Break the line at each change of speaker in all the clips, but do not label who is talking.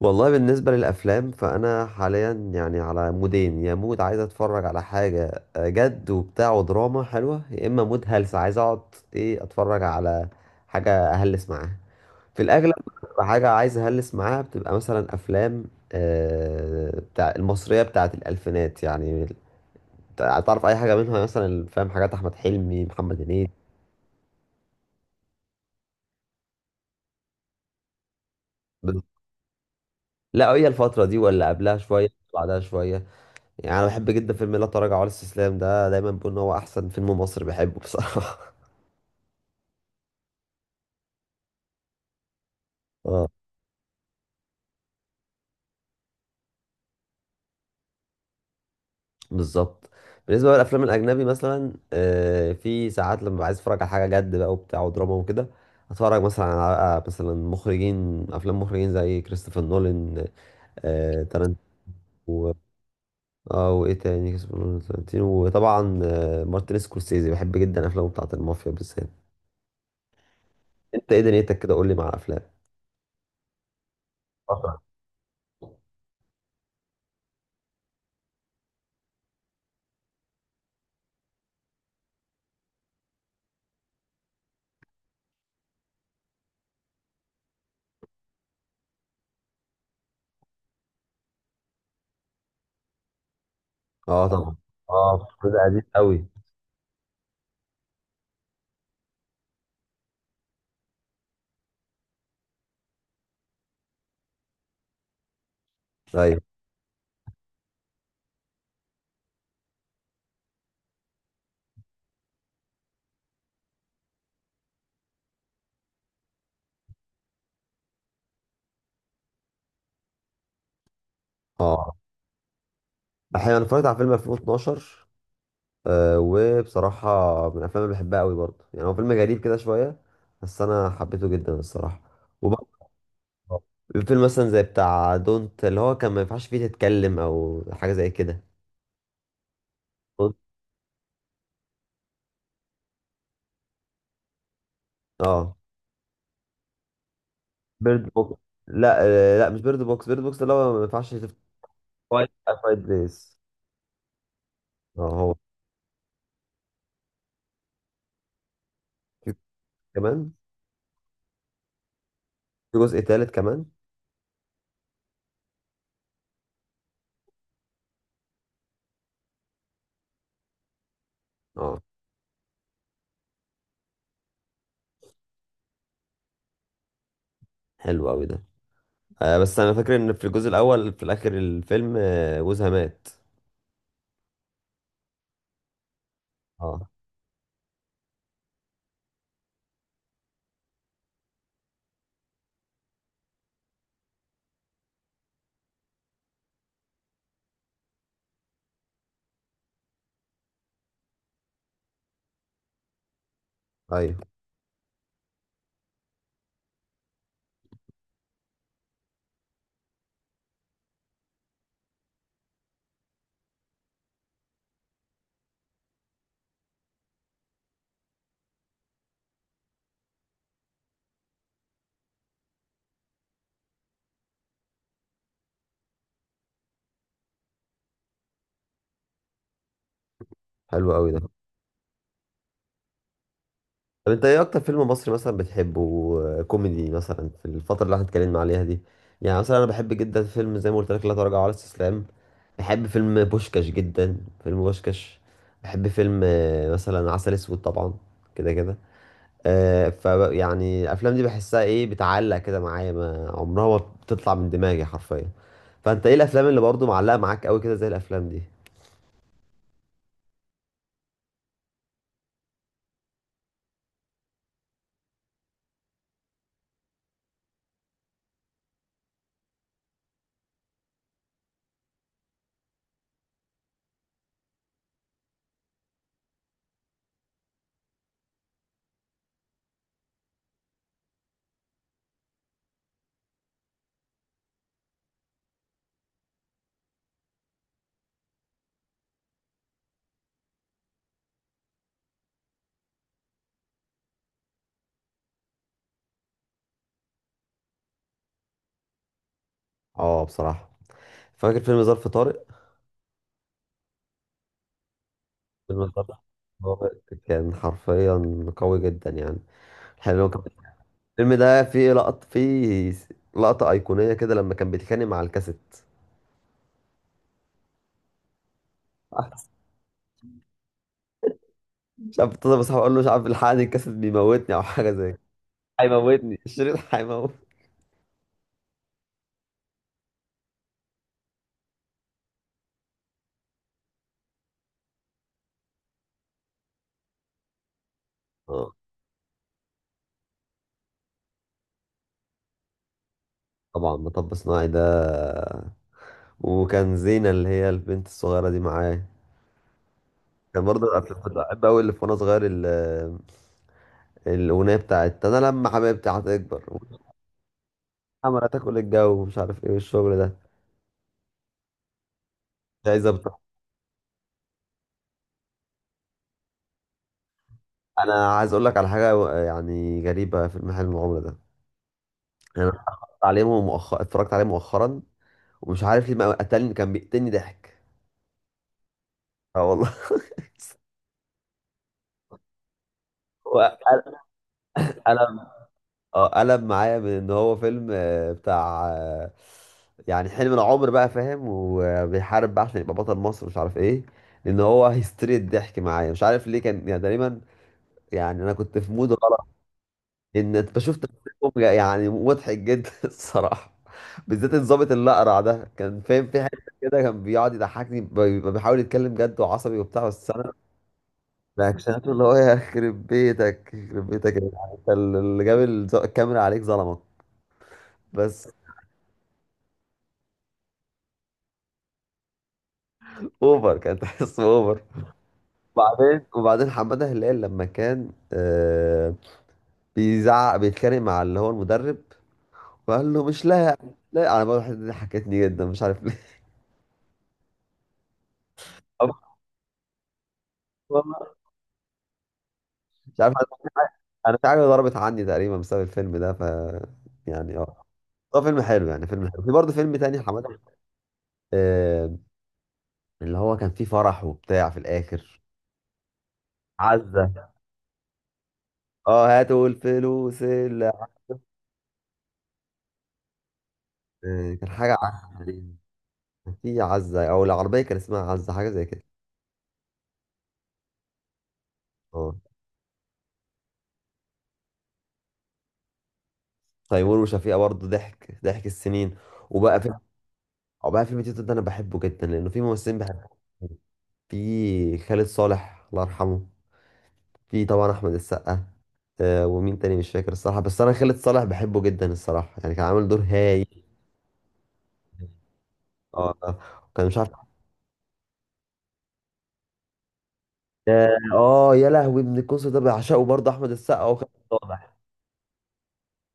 والله بالنسبة للأفلام فأنا حاليا يعني على مودين، يا مود عايز أتفرج على حاجة جد وبتاع ودراما حلوة، يا إما مود هلس عايز أقعد إيه أتفرج على حاجة أهلس معاها في الأغلب. بتبقى حاجة عايز أهلس معاها، بتبقى مثلا أفلام بتاع المصرية بتاعت الألفينات يعني. تعرف أي حاجة منها؟ مثلا فاهم حاجات أحمد حلمي، محمد هنيدي. لا، هي الفترة دي ولا قبلها شوية بعدها شوية. يعني انا بحب جدا فيلم لا تراجع ولا استسلام، ده دايما بقول ان هو احسن فيلم مصري بحبه بصراحه. اه. بالظبط. بالنسبه بقى للافلام الاجنبي، مثلا في ساعات لما عايز اتفرج على حاجه جد بقى وبتاع ودراما وكده، اتفرج مثلا على بقى مثلا مخرجين افلام، مخرجين زي كريستوفر نولان، تارانتينو. و- اه وايه تاني، كريستوفر نولان، تارانتينو، وطبعا مارتن سكورسيزي، بحب جدا افلامه بتاعت المافيا بالذات. انت ايه دنيتك كده؟ قول لي مع الافلام. اه طبعا. اه طبعا. اه ده قديم قوي. ايوه. اه احيانا انا اتفرجت على فيلم 2012. آه وبصراحه من الافلام اللي بحبها قوي برضه، يعني هو فيلم غريب كده شويه بس انا حبيته جدا الصراحه. وبرضه فيلم مثلا زي بتاع دونت، اللي هو كان ما ينفعش فيه تتكلم او حاجه زي كده. Don't- اه بيرد بوكس. لا آه لا، مش بيرد بوكس، بيرد بوكس اللي هو ما ينفعش تفت. فايت، فايت بليس. اه هو. في كمان. في جزء تالت كمان. اه حلو قوي ده. آه بس انا فاكر ان في الجزء الاول في الاخر الفيلم جوزها مات. اه. ايوه. حلو قوي ده. طب انت ايه اكتر فيلم مصري مثلا بتحبه كوميدي، مثلا في الفتره اللي احنا اتكلمنا عليها دي؟ يعني مثلا انا بحب جدا فيلم زي ما قلت لك لا تراجع ولا استسلام. بحب فيلم بوشكاش جدا، فيلم بوشكاش. بحب فيلم مثلا عسل اسود طبعا. كده كده. آه ف، يعني الافلام دي بحسها ايه، بتعلق كده معايا، ما عمرها ما بتطلع من دماغي حرفيا. فانت ايه الافلام اللي برضو معلقه معاك قوي كده زي الافلام دي؟ اه بصراحه. فاكر فيلم ظرف طارق. فيلم الفتى. هو كان حرفيا قوي جدا يعني. الحلو هو كان الفيلم ده فيه لقطة، فيه لقطة أيقونية كده لما كان بيتخانق مع الكاسيت. مش عارف، اتصل بصاحبي أقول له مش عارف الحقني الكاسيت بيموتني أو حاجة زي كده. هيموتني الشريط هيموت. اه طبعا مطب صناعي ده. وكان زينة اللي هي البنت الصغيرة دي معاه. كان برضه كنت بحب أوي اللي في وأنا صغير الأغنية بتاعت أنا لما حبيبتي هتكبر. عمالة تاكل الجو ومش عارف إيه والشغل ده. مش عايزة. انا عايز اقول لك على حاجه يعني غريبه في المحل المغامره ده. يعني انا اتفرجت عليه مؤخرا، ومش عارف ليه ما قتلني، كان بيقتلني ضحك. اه والله. وقلب. اه قلب معايا من ان هو فيلم بتاع يعني حلم العمر بقى فاهم، وبيحارب بقى عشان يبقى بطل مصر مش عارف ايه، لان هو هيستري الضحك معايا مش عارف ليه، كان يعني تقريبا، يعني انا كنت في مود غلط. ان انت شفت تمثيلهم يعني مضحك جدا الصراحه. بالذات الظابط اللي اقرع ده كان فاهم في حته كده كان بيقعد يضحكني، بيبقى بيحاول يتكلم جد وعصبي وبتاع، بس انا رياكشناته، اللي هو يخرب بيتك، يخرب بيتك يا جدعان. انت اللي جاب الكاميرا عليك ظلمك بس. اوفر، كان تحس اوفر. وبعدين حماده هلال لما كان بيزعق بيتخانق مع اللي هو المدرب، وقال له مش لاعب. لا انا بقول الحته دي ضحكتني جدا مش عارف ليه. والله مش عارف. انا شعبي ضربت عني تقريبا بسبب الفيلم ده ف، يعني اه هو فيلم حلو، يعني فيلم حلو. في برضه فيلم تاني حماده آه اللي هو كان فيه فرح وبتاع في الاخر. عزة. اه هاتوا الفلوس اللي. آه كان حاجة يعني كان في عزة او العربية كان اسمها عزة حاجة زي كده. اه. تيمور وشفيقة برضه ضحك، ضحك السنين. وبقى فيلم. وبقى فيلم تيتو ده انا بحبه جدا لانه في ممثلين بحبهم. في خالد صالح الله يرحمه. في طبعا احمد السقا. آه ومين تاني مش فاكر الصراحه، بس انا خالد صالح بحبه جدا الصراحه يعني كان عامل دور هايل. اه آه. وكان مش عارف. اه آه، يا لهوي ابن القنصل ده بعشقه برضه، احمد السقا وخالد صالح.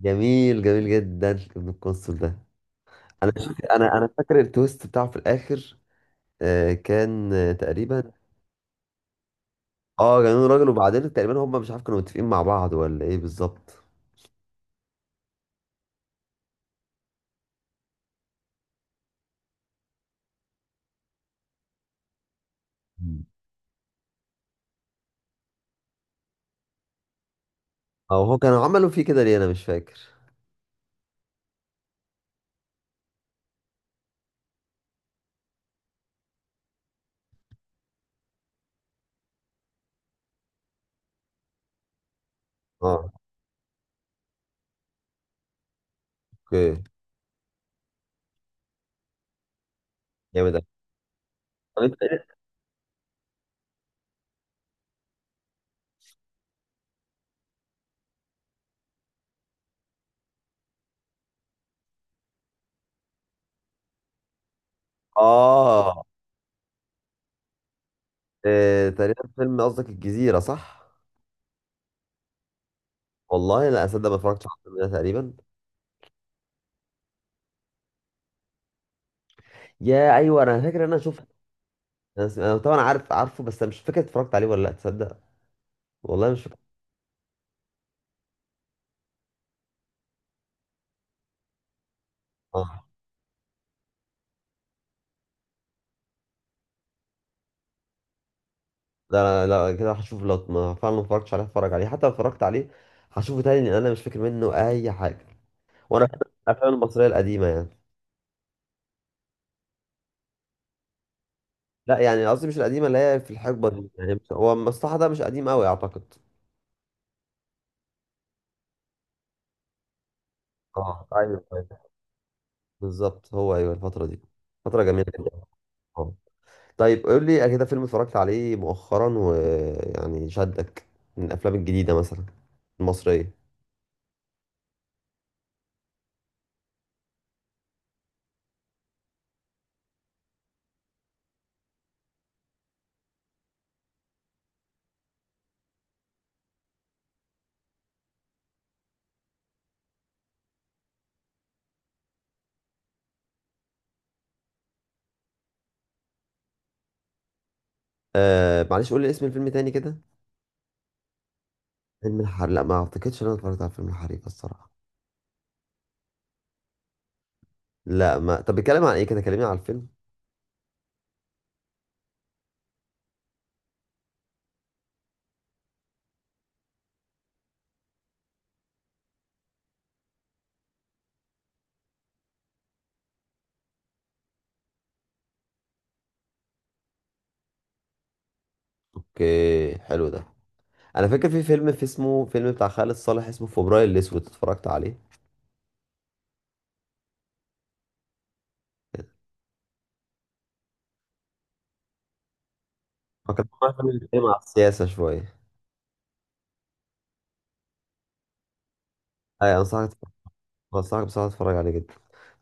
جميل جميل جدا. ابن القنصل ده انا مش فاكر- انا فاكر التويست بتاعه في الاخر. آه كان آه تقريبا. اه جنون راجل. وبعدين تقريبا هم مش عارف كانوا متفقين مع بعض ولا ايه بالظبط. مم. او هو كانوا عملوا فيه كده ليه انا مش فاكر. اه. اوكي. جامد أوي. طب انت. اه إيه تقريبا، فيلم قصدك الجزيرة صح؟ والله لا اصدق، ما اتفرجتش على الفيلم ده تقريبا. يا ايوه انا فاكر ان انا شفت. أنا طبعا عارفه بس أنا مش فاكر اتفرجت عليه ولا لا تصدق. والله مش فاكر. اه لا لا, لا كده هشوف، لو ما فعلا ما اتفرجتش عليه هتفرج عليه، حتى لو اتفرجت عليه هشوفه تاني لان انا مش فاكر منه اي حاجة. وانا بحب الافلام المصرية القديمة يعني. لا يعني قصدي مش القديمة، اللي هي في الحقبة دي يعني، هو المصلحة ده مش قديم قوي اعتقد. اه ايوه أيوة، بالظبط، هو ايوه الفترة دي، فترة جميلة جدا. طيب قول لي كده فيلم اتفرجت عليه مؤخرا ويعني شدك من الافلام الجديده مثلا، المصريه. آه معلش قول لي اسم الفيلم تاني كده. فيلم الحريق. لا ما اعتقدش ان انا اتفرجت على فيلم الحريق الصراحه. لا ما طب بيتكلم عن ايه كده؟ كلمني على الفيلم. اوكي حلو ده. انا فاكر في فيلم، في اسمه، فيلم بتاع خالد صالح اسمه فبراير الاسود، اتفرجت عليه. هو كان طبعاً فيلم بيتكلم على السياسه شويه. اي انصحك، انصحك بصراحه تتفرج عليه جدا.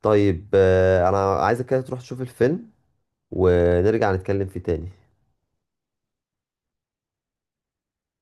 طيب آه انا عايزك كده تروح تشوف الفيلم ونرجع نتكلم فيه تاني.